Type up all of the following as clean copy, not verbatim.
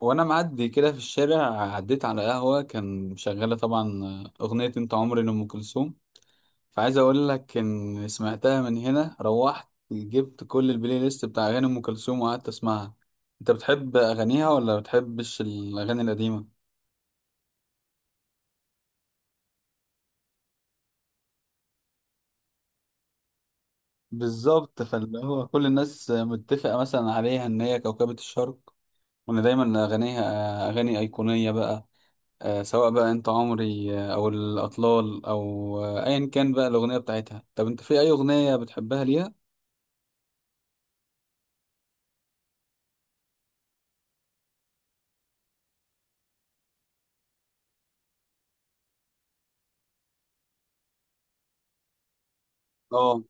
وانا معدي كده في الشارع، عديت على قهوه كان شغاله طبعا اغنيه انت عمري لام كلثوم. فعايز اقول لك ان سمعتها من هنا روحت جبت كل البلاي ليست بتاع اغاني ام كلثوم وقعدت اسمعها. انت بتحب اغانيها ولا بتحبش الاغاني القديمه؟ بالظبط، فاللي هو كل الناس متفقه مثلا عليها ان هي كوكبه الشرق، وان دايما اغانيها اغاني ايقونيه بقى. سواء بقى انت عمري، او الاطلال، او ايا كان بقى الاغنيه بتاعتها. طب انت في اي اغنيه بتحبها ليها؟ اه،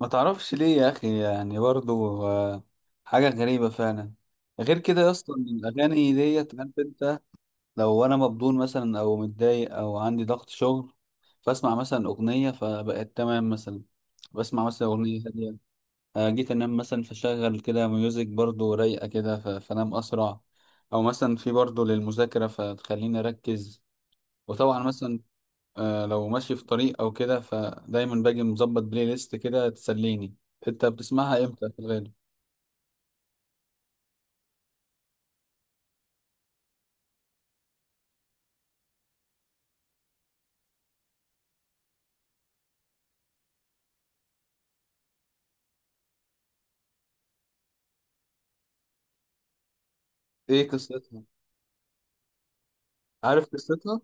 ما تعرفش ليه يا اخي، يعني برضو حاجه غريبه فعلا. غير كده يا اسطى، إن الاغاني ديت، عارف انت، لو انا مبدون مثلا او متضايق او عندي ضغط شغل، فاسمع مثلا اغنيه فبقت تمام مثلا، بسمع مثلا اغنيه هادية. جيت انام مثلا فشغل كده ميوزك برضو رايقه كده فانام اسرع. او مثلا في برضو للمذاكره فتخليني اركز. وطبعا مثلا لو ماشي في طريق او كده فدايما باجي مظبط بلاي ليست كده تسليني. انت بتسمعها امتى في الغالب؟ ايه قصتها؟ عارف قصتها.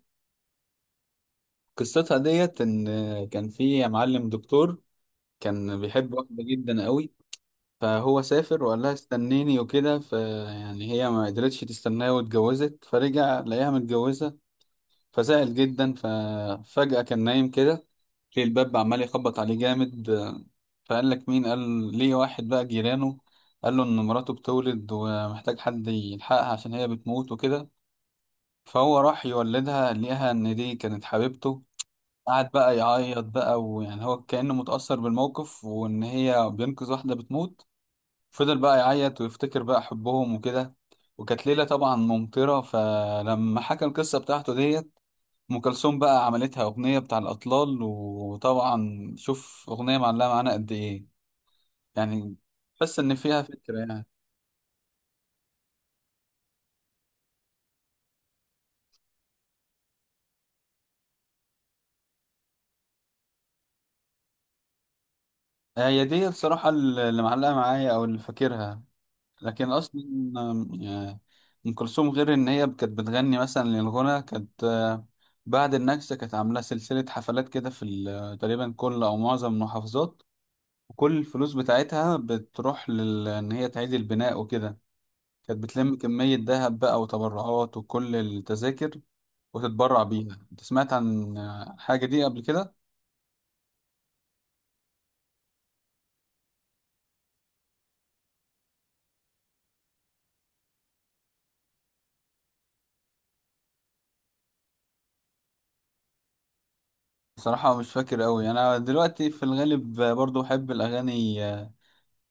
قصتها ديت ان كان في معلم دكتور كان بيحب واحده جدا قوي. فهو سافر وقال لها استنيني وكده، فيعني هي ما قدرتش تستناه واتجوزت، فرجع لقاها متجوزة. فزعل جدا، ففجأة كان نايم كده ليه الباب عمال يخبط عليه جامد. فقال لك مين؟ قال ليه واحد بقى جيرانه، قال له إن مراته بتولد ومحتاج حد يلحقها عشان هي بتموت وكده. فهو راح يولدها لقاها إن دي كانت حبيبته. قعد بقى يعيط بقى، ويعني هو كأنه متأثر بالموقف وإن هي بينقذ واحدة بتموت. فضل بقى يعيط ويفتكر بقى حبهم وكده. وكانت ليلة طبعا ممطرة، فلما حكى القصة بتاعته ديت ام كلثوم بقى عملتها اغنيه بتاع الاطلال. وطبعا شوف اغنيه معلقه معانا قد ايه يعني، بس ان فيها فكره يعني. هي دي بصراحه اللي معلقه معايا او اللي فاكرها. لكن اصلا، آه، ام كلثوم غير ان هي كانت بتغني مثلا للغنى، كانت بعد النكسه كانت عامله سلسله حفلات كده في تقريبا كل او معظم المحافظات. وكل الفلوس بتاعتها بتروح لل ان هي تعيد البناء وكده. كانت بتلم كمية ذهب بقى وتبرعات وكل التذاكر وتتبرع بيها. انت سمعت عن حاجة دي قبل كده؟ بصراحة مش فاكر قوي. انا دلوقتي في الغالب برضو بحب الاغاني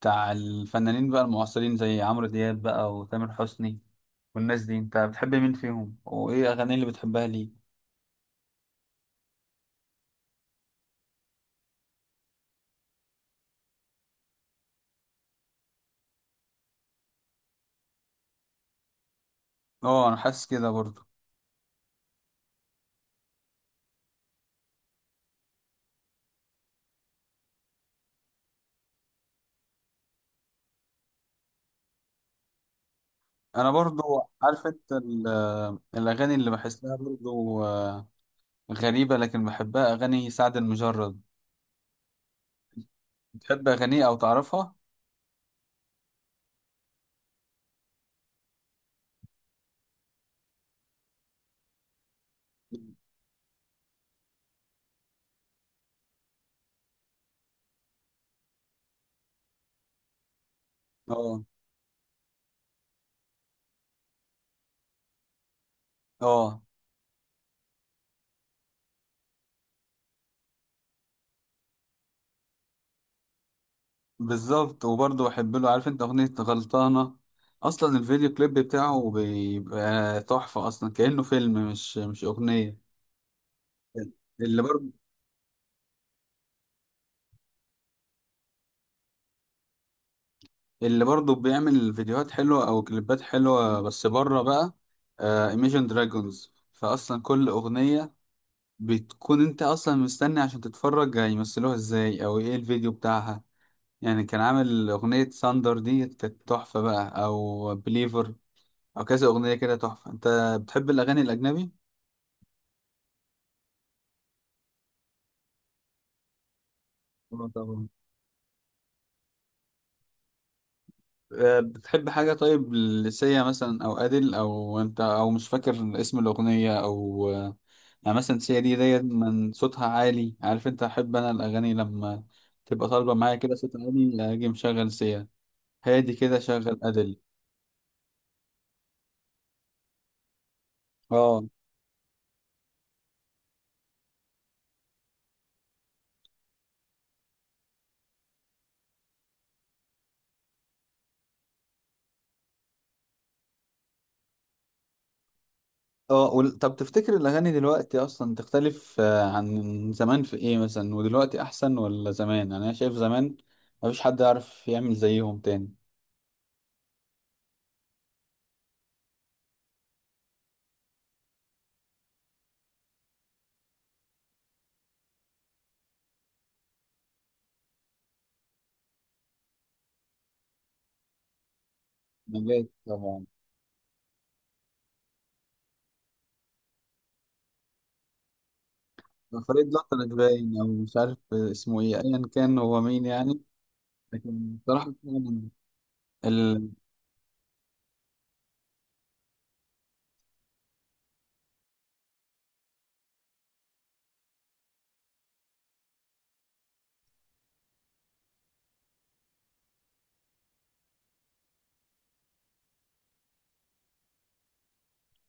بتاع الفنانين بقى المعاصرين زي عمرو دياب بقى وتامر حسني والناس دي. انت بتحب مين فيهم وايه اغاني اللي بتحبها ليه؟ اه، انا حاسس كده برضو. انا برضو، عارف انت، الاغاني اللي بحسها برضو غريبة لكن بحبها، اغاني سعد المجرد. بتحب اغانيه او تعرفها؟ اه. اه، بالظبط. وبرضه بحب له، عارف انت، اغنية غلطانة. اصلا الفيديو كليب بتاعه بيبقى تحفة، اصلا كأنه فيلم مش مش اغنية. اللي برضه، اللي برضه بيعمل فيديوهات حلوة او كليبات حلوة بس بره بقى، ايميجن دراجونز. فاصلا كل اغنية بتكون انت اصلا مستني عشان تتفرج هيمثلوها ازاي او ايه الفيديو بتاعها. يعني كان عامل اغنية ساندر دي كانت تحفة بقى، او بليفر، او كذا اغنيه كده تحفه. انت بتحب الاغاني الاجنبي؟ اه طبعا. بتحب حاجه طيب لسيا مثلا او ادل، او انت او مش فاكر اسم الاغنيه او يعني مثلا سيا دي ديت من صوتها عالي، عارف انت، احب انا الاغاني لما تبقى طالبه معايا كده صوت عالي اجي مشغل سيا. هادي كده شغل ادل. اه. اه، طب تفتكر الاغاني دلوقتي اصلا تختلف عن زمان في ايه مثلا، ودلوقتي احسن ولا زمان؟ يعني انا شايف زمان مفيش حد يعرف يعمل زيهم تاني. نبات طبعا. فريد الأطرش باين، أو مش عارف اسمه إيه، أيا كان هو مين يعني. لكن بصراحة فعلاً ال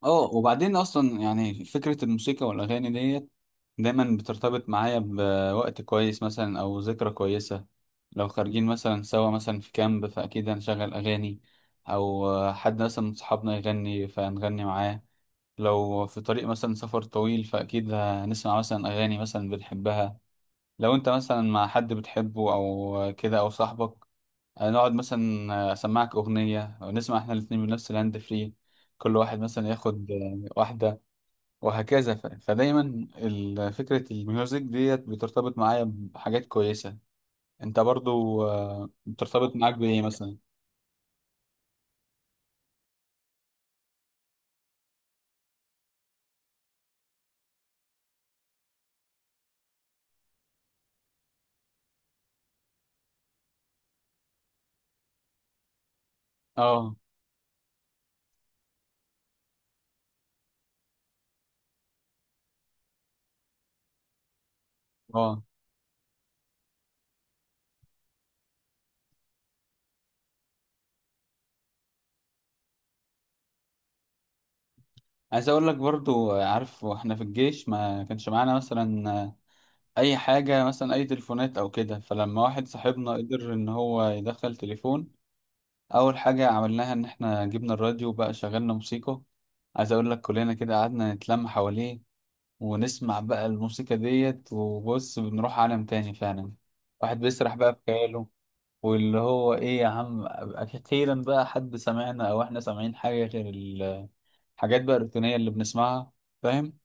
آه، وبعدين أصلا يعني فكرة الموسيقى والأغاني ديت دايما بترتبط معايا بوقت كويس مثلا أو ذكرى كويسة. لو خارجين مثلا سوا مثلا في كامب فأكيد هنشغل أغاني، أو حد مثلا من صحابنا يغني فهنغني معاه. لو في طريق مثلا سفر طويل فأكيد هنسمع مثلا أغاني مثلا بنحبها. لو انت مثلا مع حد بتحبه او كده او صاحبك، نقعد مثلا، اسمعك اغنية ونسمع احنا الاتنين من نفس الهاند فري، كل واحد مثلا ياخد واحدة وهكذا. فدايما فكرة الميوزك ديت بترتبط معايا بحاجات كويسة. انت برضو بترتبط معاك بايه مثلا؟ اه. اه، عايز اقول لك برضو، عارف، واحنا في الجيش ما كانش معانا مثلا اي حاجة مثلا، اي تليفونات او كده. فلما واحد صاحبنا قدر ان هو يدخل تليفون، اول حاجه عملناها ان احنا جبنا الراديو بقى شغلنا موسيقى. عايز اقول لك كلنا كده قعدنا نتلم حواليه ونسمع بقى الموسيقى ديت. وبص بنروح عالم تاني فعلا، واحد بيسرح بقى في خياله، واللي هو ايه يا عم اخيرا بقى حد سمعنا او احنا سامعين حاجه غير الحاجات بقى الروتينيه اللي بنسمعها. فاهم؟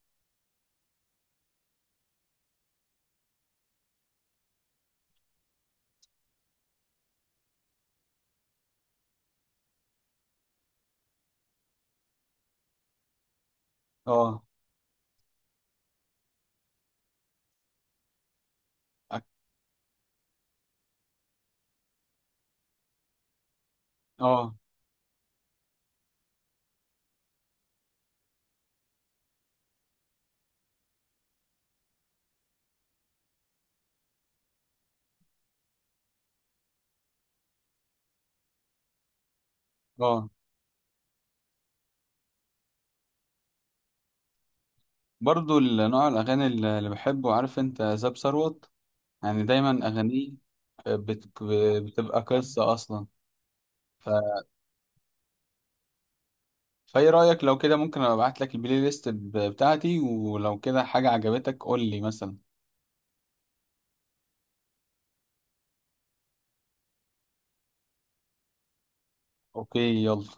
اه. أك- اه. اه، برضو نوع الاغاني اللي اللي بحبه، عارف انت، زاب ثروت. يعني دايما اغانيه بت- بتبقى قصة أصلا. ف- فايه رأيك لو كده ممكن ابعت لك البلاي ليست بتاعتي، ولو كده حاجة عجبتك قول لي مثلا. اوكي يلا.